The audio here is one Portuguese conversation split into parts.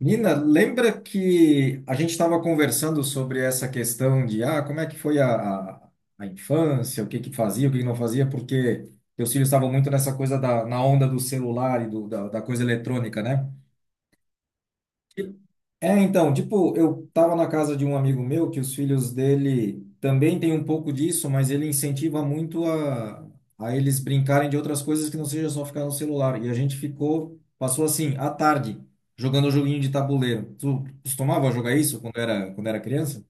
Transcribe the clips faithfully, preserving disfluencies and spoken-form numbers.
Nina, lembra que a gente estava conversando sobre essa questão de ah, como é que foi a, a, a infância, o que que fazia, o que que não fazia, porque teus filhos estavam muito nessa coisa da, na onda do celular e do, da, da coisa eletrônica, né? É, então, tipo, eu tava na casa de um amigo meu que os filhos dele também tem um pouco disso, mas ele incentiva muito a, a eles brincarem de outras coisas que não seja só ficar no celular. E a gente ficou, passou assim a tarde, jogando joguinho de tabuleiro. Tu costumava jogar isso quando era, quando era criança?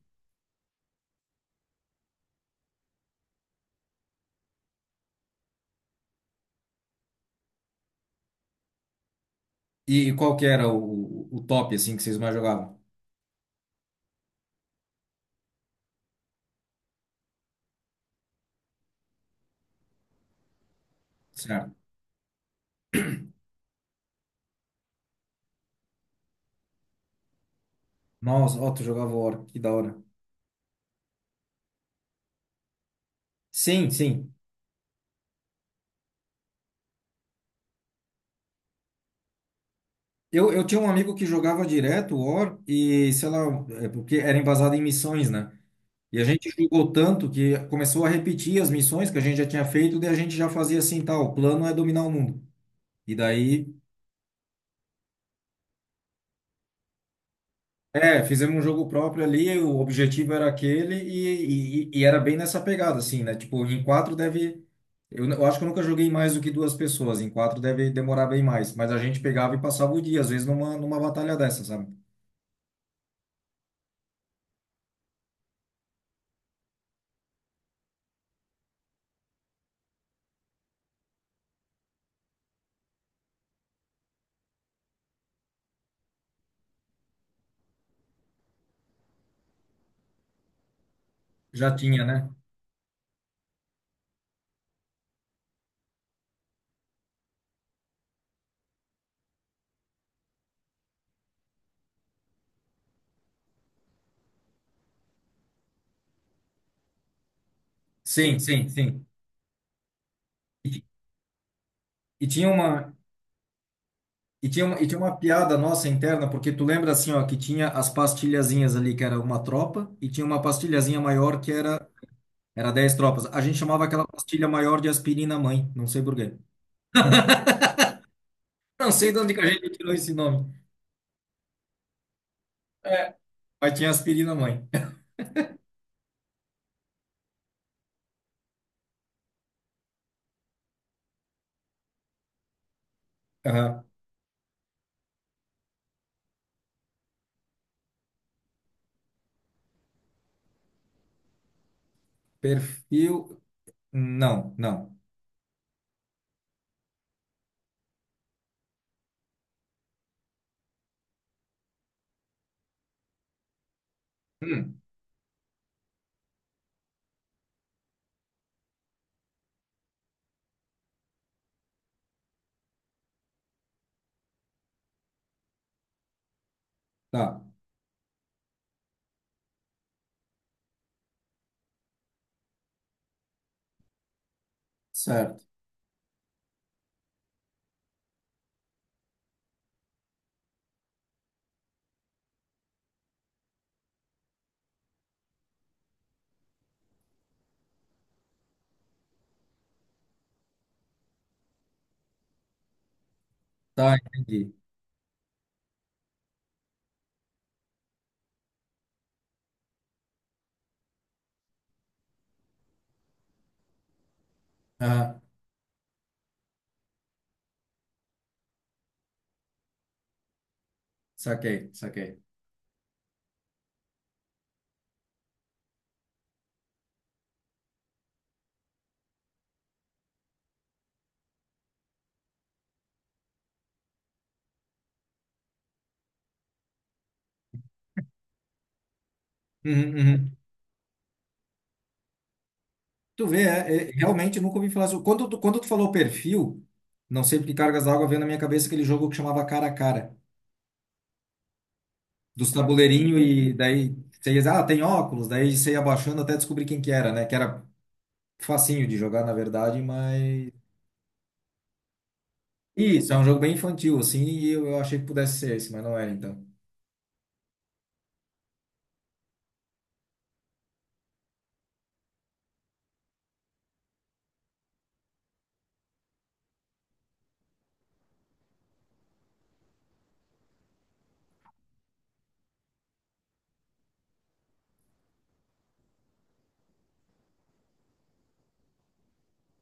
E qual que era o, o top, assim, que vocês mais jogavam? Certo. Nossa, ó, tu jogava War, que da hora. Sim, sim. Eu, eu tinha um amigo que jogava direto o War e, sei lá, é porque era embasado em missões, né? E a gente jogou tanto que começou a repetir as missões que a gente já tinha feito, daí a gente já fazia assim, tá, o plano é dominar o mundo. E daí, é, fizemos um jogo próprio ali, o objetivo era aquele e, e, e era bem nessa pegada, assim, né? Tipo, em quatro deve... Eu, n- eu acho que eu nunca joguei mais do que duas pessoas, em quatro deve demorar bem mais. Mas a gente pegava e passava o dia, às vezes numa, numa batalha dessa, sabe? Já tinha, né? Sim, sim, sim. E tinha uma, e tinha uma, e tinha uma piada nossa interna, porque tu lembra assim, ó, que tinha as pastilhazinhas ali, que era uma tropa, e tinha uma pastilhazinha maior que era, era dez tropas. A gente chamava aquela pastilha maior de aspirina mãe, não sei por quê. Não sei de onde que a gente tirou esse nome. É, mas tinha aspirina mãe. Aham. Perfil. Não, não. Hum, tá, certo. Tá, entendi. Aham, saquei, saquei. Uhum, uhum. Tu vê, é, é, realmente nunca ouvi falar sobre. Quando, tu- quando tu falou perfil, não sei porque cargas d'água veio na minha cabeça aquele jogo que chamava Cara a Cara, dos tabuleirinho e daí você ia, ah, tem óculos, daí você ia abaixando até descobrir quem que era, né? Que era facinho de jogar, na verdade, mas. Isso, é um jogo bem infantil, assim, e eu, eu achei que pudesse ser esse, mas não era, então.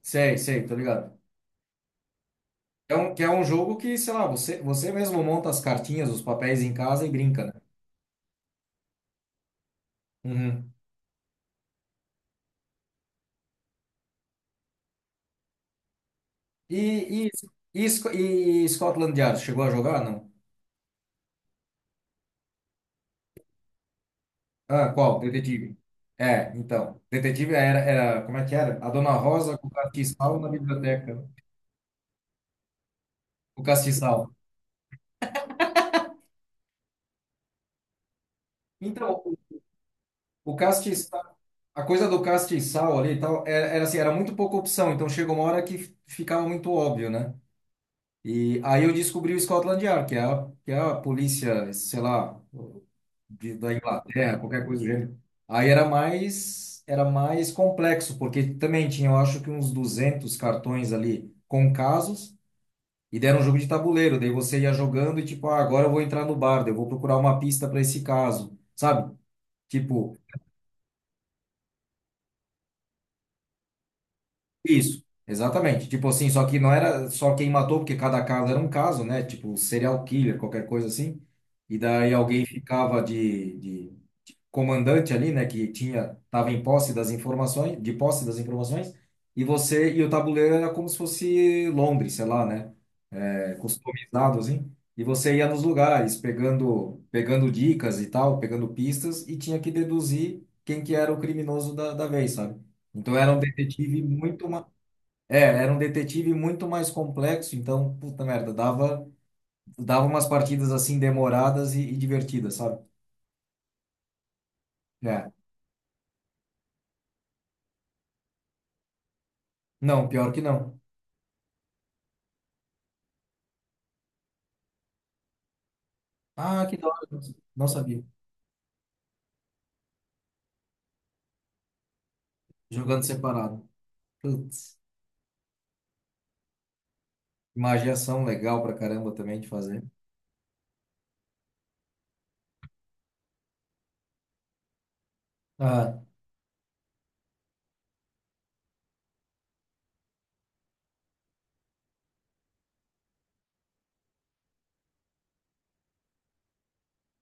Sei, sei, tô ligado. É um, que é um jogo que, sei lá, você, você mesmo monta as cartinhas, os papéis em casa e brinca, né? Uhum. E, e, e, Sc- e Scotland Yard, chegou a jogar, não? Ah, qual? Detetive. É, então. Detetive era, era, como é que era? A Dona Rosa com o castiçal na biblioteca, né? O castiçal. Então, o o castiçal, a coisa do castiçal ali e tal, era, era assim, era muito pouca opção. Então, chegou uma hora que ficava muito óbvio, né? E aí eu descobri o Scotland Yard, que é a, que é a polícia, sei lá, de- da Inglaterra, qualquer coisa do gênero. Aí era mais, era mais complexo, porque também tinha, eu acho que uns duzentos cartões ali com casos, e deram um jogo de tabuleiro, daí você ia jogando e tipo, ah, agora eu vou entrar no bar, daí eu vou procurar uma pista para esse caso, sabe? Tipo, isso, exatamente. Tipo assim, só que não era só quem matou, porque cada caso era um caso, né? Tipo, serial killer, qualquer coisa assim. E daí alguém ficava de, de comandante ali, né? Que tinha, tava em posse das informações, de posse das informações, e você, e o tabuleiro era como se fosse Londres, sei lá, né? É, customizado, assim, e você ia nos lugares pegando, pegando, dicas e tal, pegando pistas, e tinha que deduzir quem que era o criminoso da, da vez, sabe? Então era um detetive muito mais, é, era um detetive muito mais complexo, então, puta merda, dava, dava umas partidas assim demoradas e, e divertidas, sabe? É. Não, pior que não. Ah, que da hora, não sabia. Jogando separado. Putz, magia ação legal pra caramba também de fazer. Ah,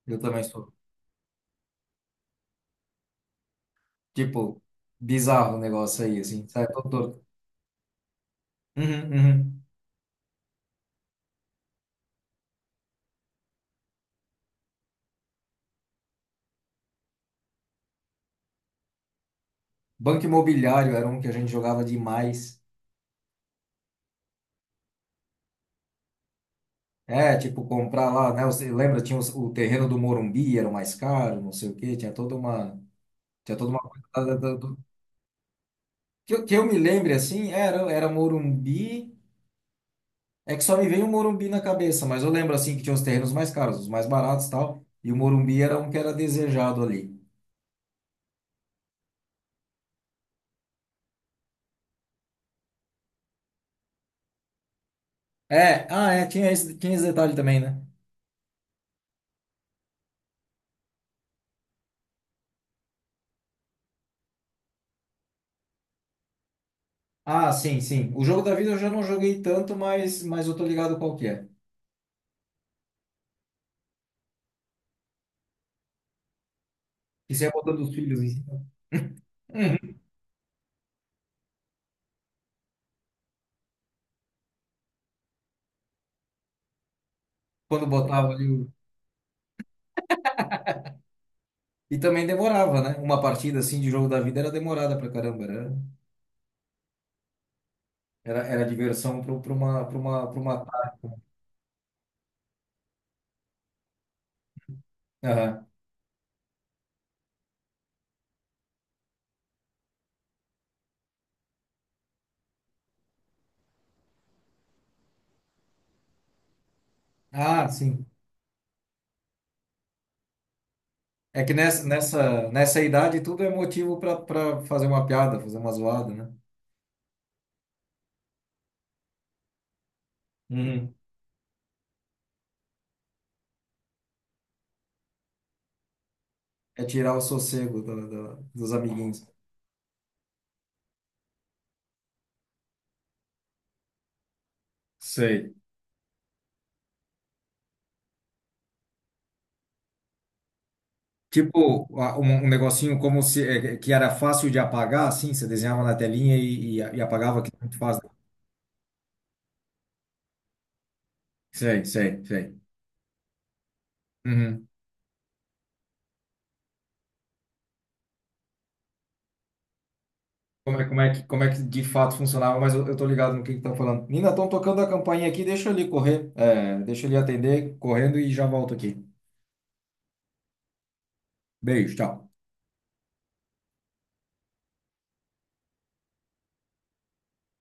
eu também sou. Tipo, bizarro o negócio aí, assim, sabe? Todo, todo. Uhum, uhum. Banco imobiliário era um que a gente jogava demais. É, tipo, comprar lá, né? Você lembra, tinha os- o terreno do Morumbi, era o mais caro, não sei o quê, tinha toda uma. Tinha toda uma coisa. Da- da- da- do- Que, eu- que eu me lembre, assim, era, era Morumbi. É que só me veio o Morumbi na cabeça, mas eu lembro, assim, que tinha os terrenos mais caros, os mais baratos e tal. E o Morumbi era um que era desejado ali. É, ah, é, tinha esse, tinha esse detalhe também, né? Ah, sim, sim. O jogo da vida eu já não joguei tanto, mas, mas eu tô ligado qual que é. Isso é botando os filhos em cima. Uhum. Quando botava ali o... E também demorava, né? Uma partida assim de jogo da vida era demorada pra caramba. Era, era, era diversão pra pra uma, pra uma, pra uma... Aham. Ah, sim. É que nessa, nessa, nessa idade tudo é motivo pra pra fazer uma piada, fazer uma zoada, né? Uhum. É tirar o sossego do- do- dos amiguinhos. Sei. Tipo, a- um, um negocinho como se é, é, que era fácil de apagar, assim, você desenhava na telinha e, e, e apagava, que é muito fácil. Sei, sei, sei. Uhum. Como é, como é que, como é que de fato funcionava, mas eu, eu tô ligado no que que tá falando. Nina, estão tocando a campainha aqui, deixa eu ali correr. É, deixa eu ali atender, correndo e já volto aqui. Beijo, tchau.